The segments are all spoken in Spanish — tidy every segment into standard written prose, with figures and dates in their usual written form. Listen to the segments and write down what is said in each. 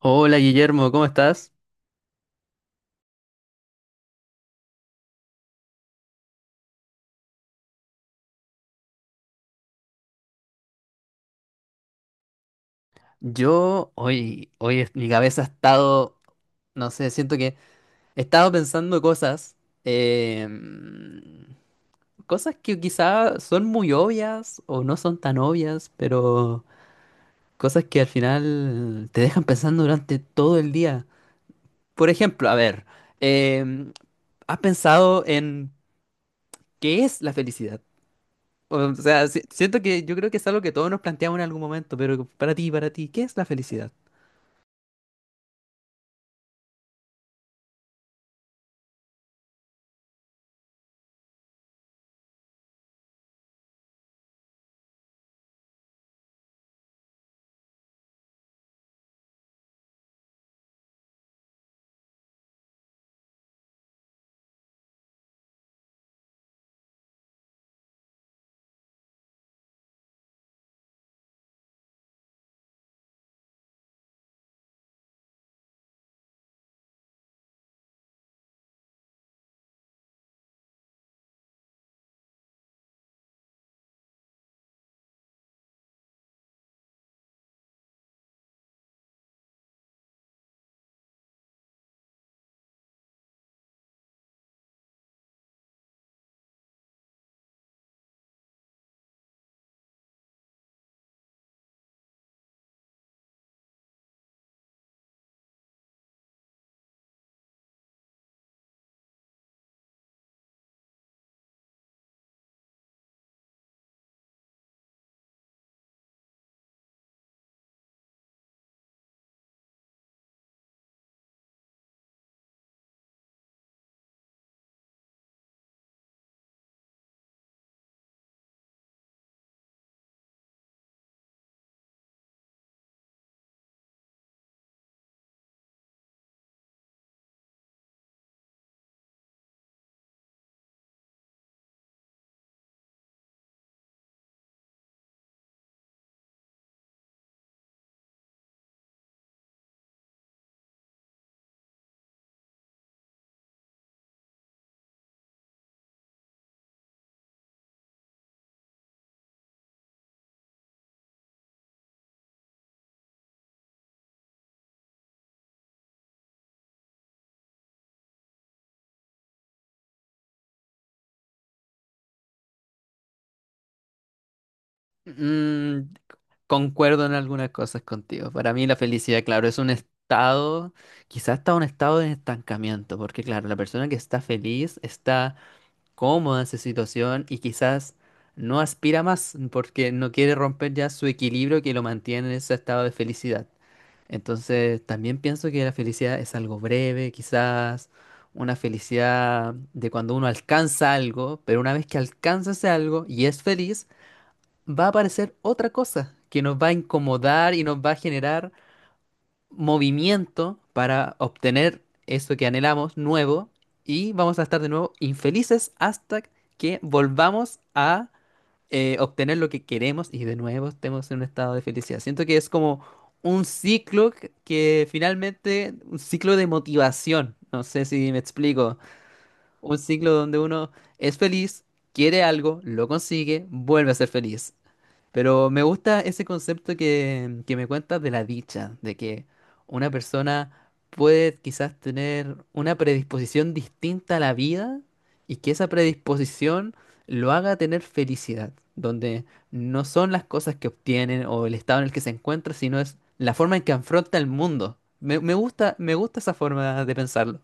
Hola Guillermo, ¿cómo estás? Yo hoy, mi cabeza ha estado, no sé, siento que he estado pensando cosas, em, cosas que quizá son muy obvias o no son tan obvias, pero cosas que al final te dejan pensando durante todo el día. Por ejemplo, a ver, em, ¿has pensado en qué es la felicidad? O sea, siento que yo creo que es algo que todos nos planteamos en algún momento, pero para ti, ¿qué es la felicidad? Mm, concuerdo en algunas cosas contigo. Para mí la felicidad, claro, es un estado, quizás está un estado de estancamiento, porque claro, la persona que está feliz está cómoda en su situación y quizás no aspira más porque no quiere romper ya su equilibrio que lo mantiene en ese estado de felicidad. Entonces, también pienso que la felicidad es algo breve, quizás una felicidad de cuando uno alcanza algo, pero una vez que alcanza ese algo y es feliz, va a aparecer otra cosa que nos va a incomodar y nos va a generar movimiento para obtener eso que anhelamos nuevo y vamos a estar de nuevo infelices hasta que volvamos a obtener lo que queremos y de nuevo estemos en un estado de felicidad. Siento que es como un ciclo que finalmente, un ciclo de motivación. No sé si me explico. Un ciclo donde uno es feliz, quiere algo, lo consigue, vuelve a ser feliz. Pero me gusta ese concepto que me cuentas de la dicha, de que una persona puede quizás tener una predisposición distinta a la vida y que esa predisposición lo haga tener felicidad, donde no son las cosas que obtienen o el estado en el que se encuentra, sino es la forma en que afronta el mundo. Me gusta esa forma de pensarlo.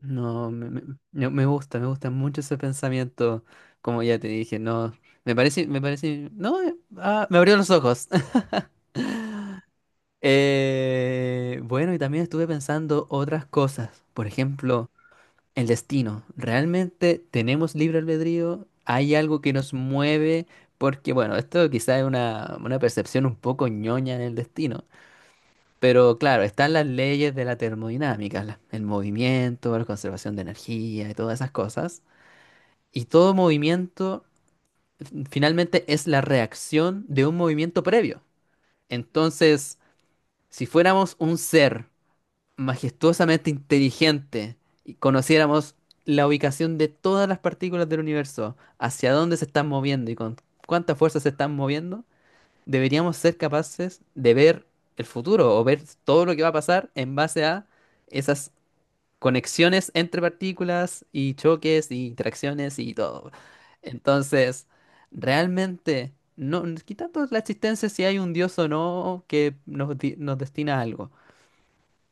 No, me gusta mucho ese pensamiento, como ya te dije, no, me parece, no, ah, me abrió los ojos. Bueno, y también estuve pensando otras cosas, por ejemplo, el destino. ¿Realmente tenemos libre albedrío? ¿Hay algo que nos mueve? Porque, bueno, esto quizá es una percepción un poco ñoña del destino, pero claro, están las leyes de la termodinámica, el movimiento, la conservación de energía y todas esas cosas. Y todo movimiento finalmente es la reacción de un movimiento previo. Entonces, si fuéramos un ser majestuosamente inteligente y conociéramos la ubicación de todas las partículas del universo, hacia dónde se están moviendo y con cuánta fuerza se están moviendo, deberíamos ser capaces de ver el futuro o ver todo lo que va a pasar en base a esas conexiones entre partículas y choques y interacciones y todo. Entonces, realmente, no, quitando la existencia si hay un dios o no que nos destina a algo.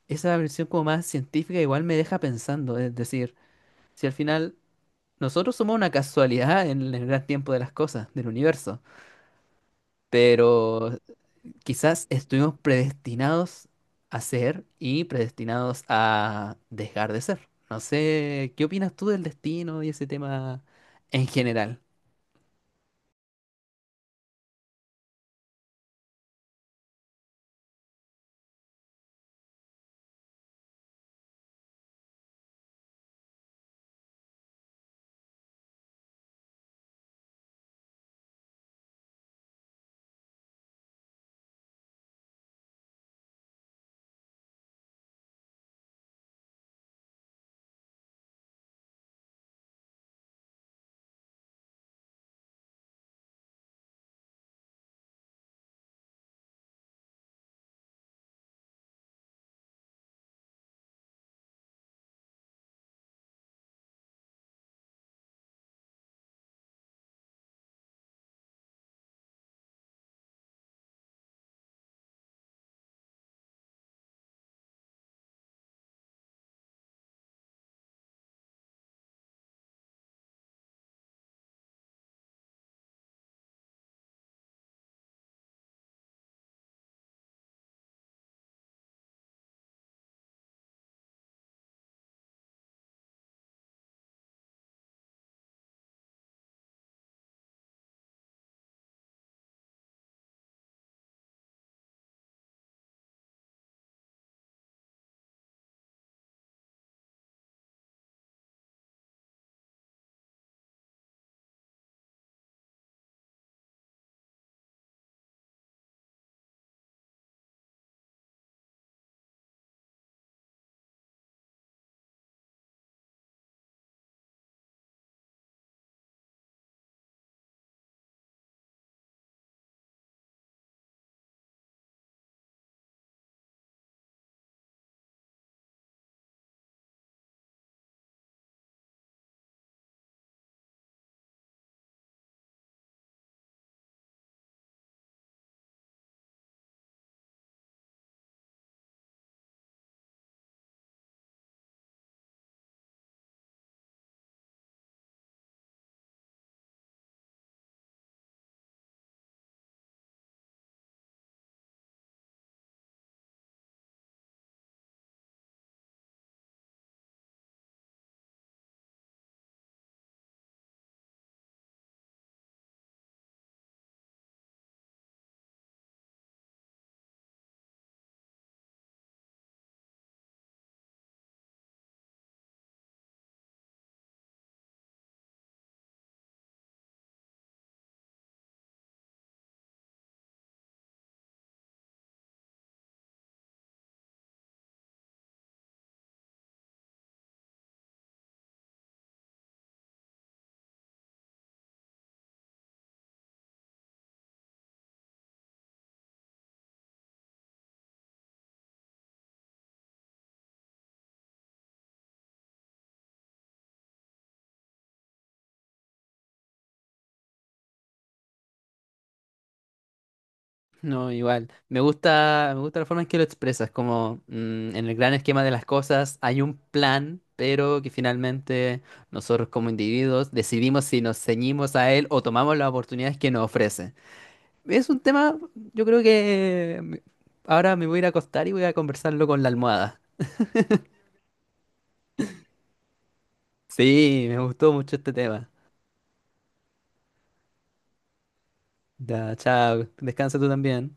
Esa versión como más científica igual me deja pensando, es decir, si al final nosotros somos una casualidad en el gran tiempo de las cosas, del universo. Pero quizás estuvimos predestinados a ser y predestinados a dejar de ser. No sé, ¿qué opinas tú del destino y ese tema en general? No, igual. Me gusta la forma en que lo expresas, como mm, en el gran esquema de las cosas hay un plan, pero que finalmente nosotros como individuos decidimos si nos ceñimos a él o tomamos las oportunidades que nos ofrece. Es un tema, yo creo que ahora me voy a ir a acostar y voy a conversarlo con la almohada. Sí, me gustó mucho este tema. Ya, chao, descansa tú también.